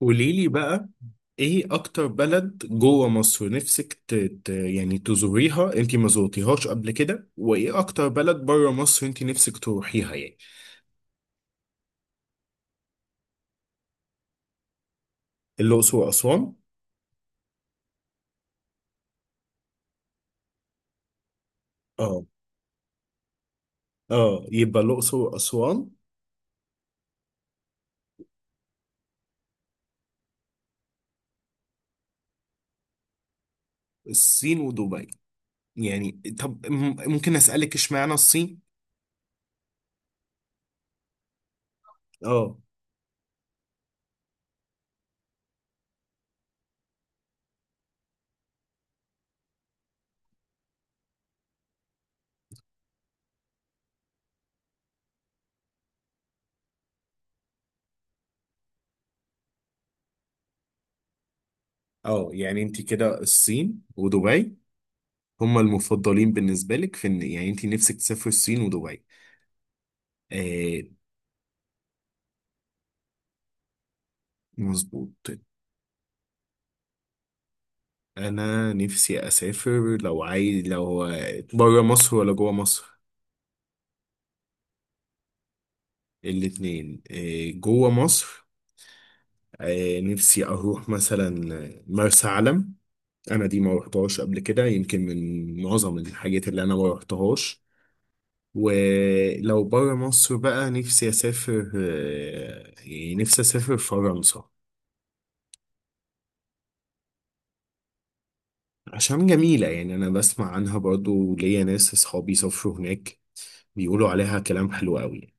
قولي لي بقى، ايه اكتر بلد جوه مصر نفسك يعني تزوريها، انت ما زورتيهاش قبل كده، وايه اكتر بلد بره مصر انت نفسك تروحيها يعني؟ الاقصر واسوان. اه. اه، يبقى الاقصر واسوان. الصين ودبي؟ يعني طب ممكن اسالك اشمعنى الصين؟ اه. اه، يعني انت كده الصين ودبي هما المفضلين بالنسبه لك، في ان يعني انت نفسك تسافر الصين ودبي؟ آه، مظبوط. انا نفسي اسافر، لو عايز، لو بره مصر ولا جوه مصر؟ الاتنين إيه، جوه مصر. إيه، نفسي اروح مثلا مرسى علم. انا دي ما رحتهاش قبل كده، يمكن من معظم الحاجات اللي انا ما رحتهاش. ولو بره مصر بقى نفسي اسافر، يعني نفسي اسافر فرنسا. عشان جميلة، يعني انا بسمع عنها برضو، ليا ناس اصحابي سافروا هناك. بيقولوا عليها كلام حلو قوي.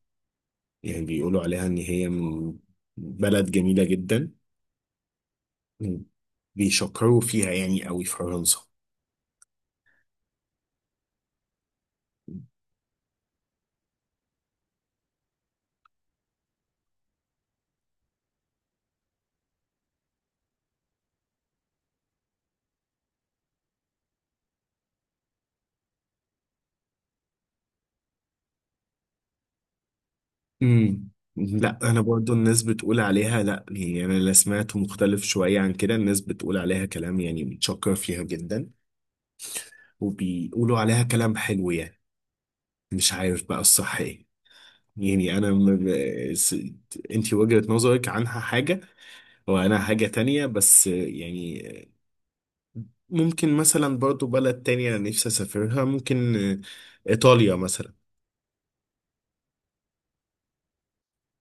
يعني بيقولوا عليها إن هي من بلد جميلة جدا. بيشكروا فيها يعني قوي في فرنسا. امم لا، أنا برضو الناس بتقول عليها لا، يعني أنا اللي سمعته مختلف شوية عن كده، الناس بتقول عليها كلام يعني بتشكر فيها جدا. وبيقولوا عليها كلام حلو يعني. مش عارف بقى الصح إيه. يعني س... انت وجهة نظرك عنها حاجة، وانا حاجة تانية، بس يعني ممكن مثلا برضو بلد تانية نفسي اسافرها، ممكن ايطاليا مثلا.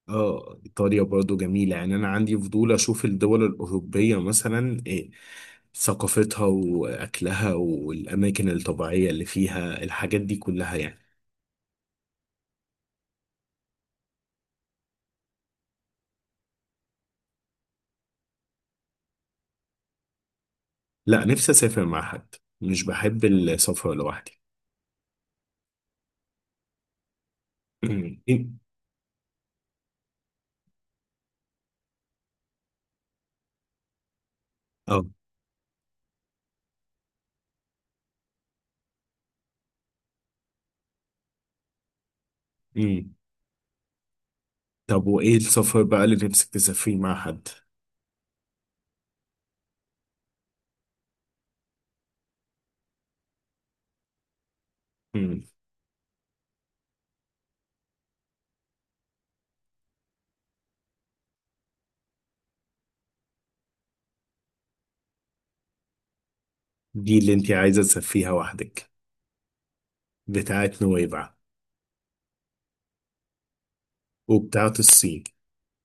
اه، ايطاليا برضو جميلة. يعني انا عندي فضول اشوف الدول الاوروبية، مثلا إيه ثقافتها واكلها والاماكن الطبيعية اللي فيها، الحاجات دي كلها يعني. لا، نفسي اسافر مع حد، مش بحب السفر لوحدي. إيه؟ اه. إمم. طب وإيه السفر بقى اللي نفسك تسافريه مع حد؟ مم. دي اللي أنت عايزة تسافريها وحدك؟ بتاعت نويبع. وبتاعت الصين.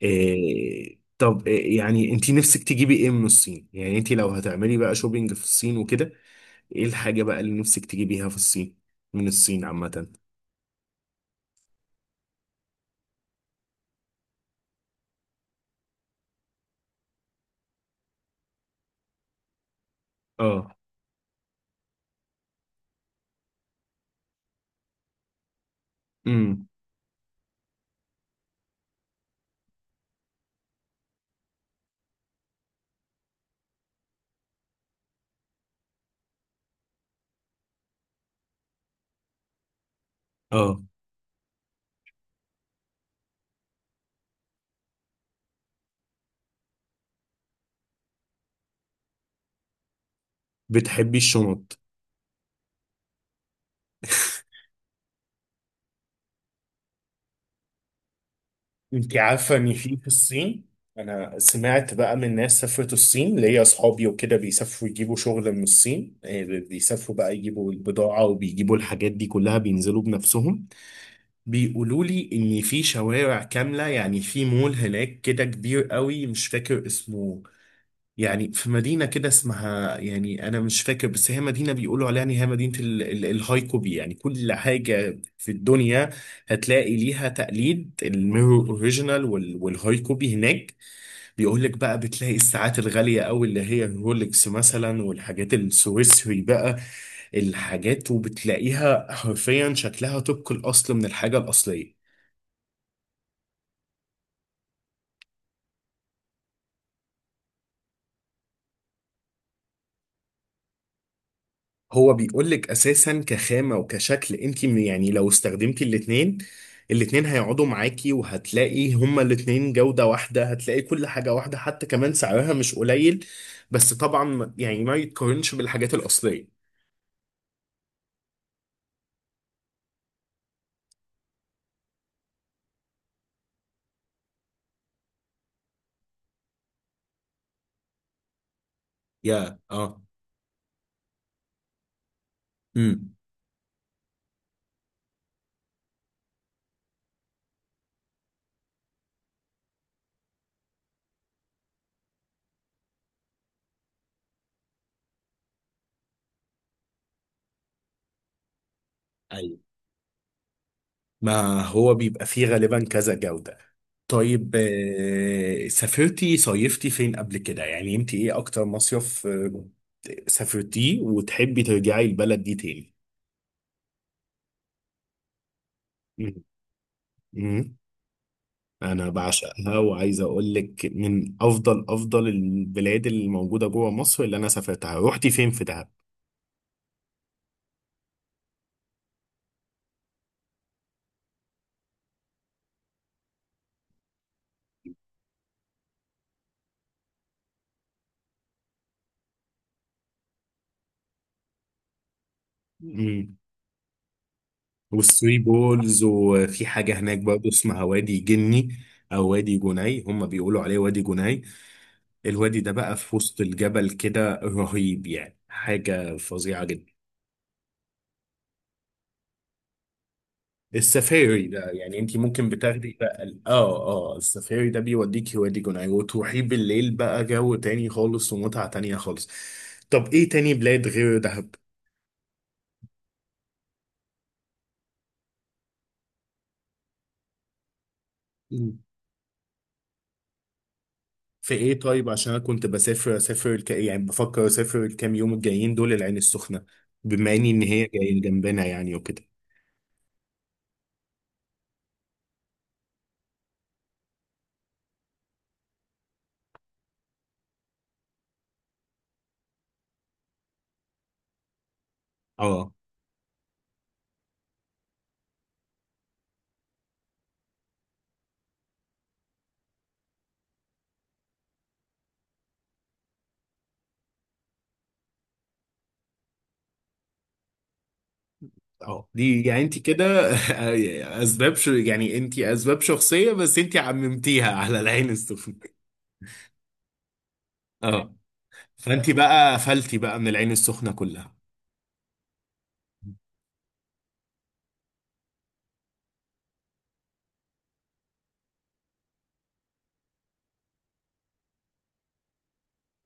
إيه طب، إيه يعني أنت نفسك تجيبي إيه من الصين؟ يعني أنت لو هتعملي بقى شوبينج في الصين وكده. إيه الحاجة بقى اللي نفسك تجيبيها في الصين؟ من الصين عامة؟ آه. امم آه، بتحبي الشنط؟ انت عارفه ان في الصين، انا سمعت بقى من ناس سافرت الصين، ليا اصحابي وكده، بيسافروا يجيبوا شغل من الصين، إيه، بيسافروا بقى يجيبوا البضاعه، وبيجيبوا الحاجات دي كلها، بينزلوا بنفسهم. بيقولوا لي ان في شوارع كامله، يعني في مول هناك كده كبير قوي، مش فاكر اسمه. يعني في مدينة كده اسمها، يعني أنا مش فاكر، بس هي مدينة بيقولوا عليها إن هي مدينة الهايكوبي، يعني كل حاجة في الدنيا هتلاقي ليها تقليد، الميرور أوريجينال والهايكوبي هناك. بيقول لك بقى بتلاقي الساعات الغالية أوي، اللي هي الرولكس مثلا، والحاجات السويسري بقى، الحاجات، وبتلاقيها حرفيا شكلها طبق الأصل من الحاجة الأصلية. هو بيقول لك اساسا كخامه وكشكل، انت يعني لو استخدمتي الاثنين، الاثنين هيقعدوا معاكي، وهتلاقي هما الاثنين جوده واحده، هتلاقي كل حاجه واحده، حتى كمان سعرها مش قليل. بس طبعا يعني ما يتقارنش بالحاجات الاصليه. يا، اه. امم ايوه، ما هو بيبقى فيه غالبا كذا جوده. طيب، سافرتي صيفتي فين قبل كده؟ يعني انت ايه اكتر مصيف سافرتيه وتحبي ترجعي البلد دي تاني؟ مم. انا بعشقها، وعايز اقول لك من افضل افضل البلاد اللي موجوده جوه مصر اللي انا سافرتها. رحتي فين في دهب؟ مم. والثري بولز، وفي حاجه هناك برضه اسمها وادي جني. او وادي جني، هم بيقولوا عليه وادي جني. الوادي ده بقى في وسط الجبل كده رهيب، يعني حاجه فظيعه جدا. السفاري ده يعني انت ممكن بتاخدي بقى اه. اه، السفاري ده بيوديكي وادي جناي، وتروحي بالليل بقى، جو تاني خالص ومتعة تانية خالص. طب ايه تاني بلاد غير دهب؟ في ايه طيب؟ عشان انا كنت اسافر يعني بفكر اسافر الكام يوم الجايين دول العين السخنة، بما اني ان هي جاي جنبنا يعني وكده. اه. اه، دي يعني انت كده اسباب شو، يعني انت اسباب شخصية، بس انت عممتيها على العين السخنة. اه، فانت بقى قفلتي بقى من العين السخنه كلها.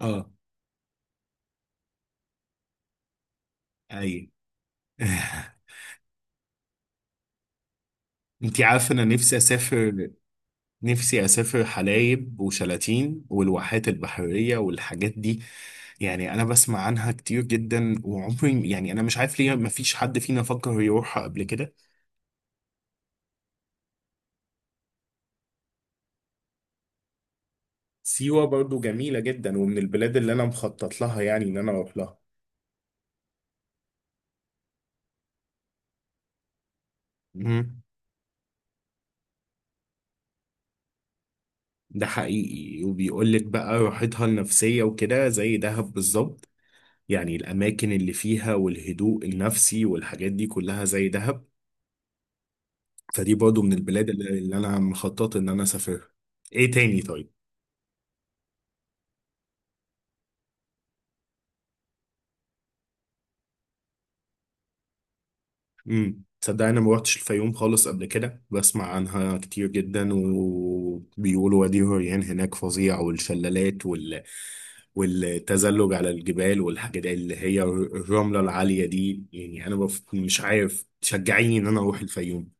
اه. اي. انت عارفه، انا نفسي اسافر حلايب وشلاتين والواحات البحريه والحاجات دي. يعني انا بسمع عنها كتير جدا، وعمري يعني انا مش عارف ليه ما فيش حد فينا فكر يروحها قبل كده. سيوه برضو جميله جدا، ومن البلاد اللي انا مخطط لها، يعني ان انا اروح لها. مم. ده حقيقي، وبيقول لك بقى راحتها النفسيه وكده زي دهب بالظبط. يعني الأماكن اللي فيها والهدوء النفسي والحاجات دي كلها زي دهب. فدي برضو من البلاد اللي أنا مخطط إن أنا أسافرها. إيه تاني طيب؟ تصدق أنا ما روحتش الفيوم خالص قبل كده، بسمع عنها كتير جدا، وبيقولوا وادي الريان هناك فظيع، والشلالات والتزلج على الجبال، والحاجات اللي هي الرملة العالية دي، يعني أنا مش عارف، تشجعيني إن أنا أروح الفيوم؟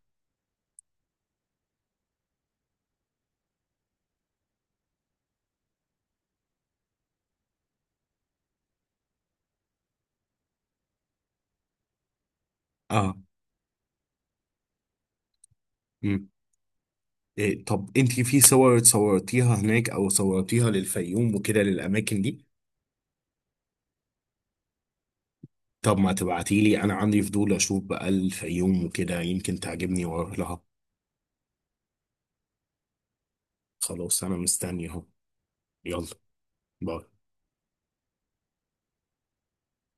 اه. إيه طب، انت في صور صورتيها هناك، او صورتيها للفيوم وكده للاماكن دي؟ طب ما تبعتي لي، انا عندي فضول اشوف بقى الفيوم وكده، يمكن تعجبني واروح لها. خلاص، انا مستني اهو. يلا، باي.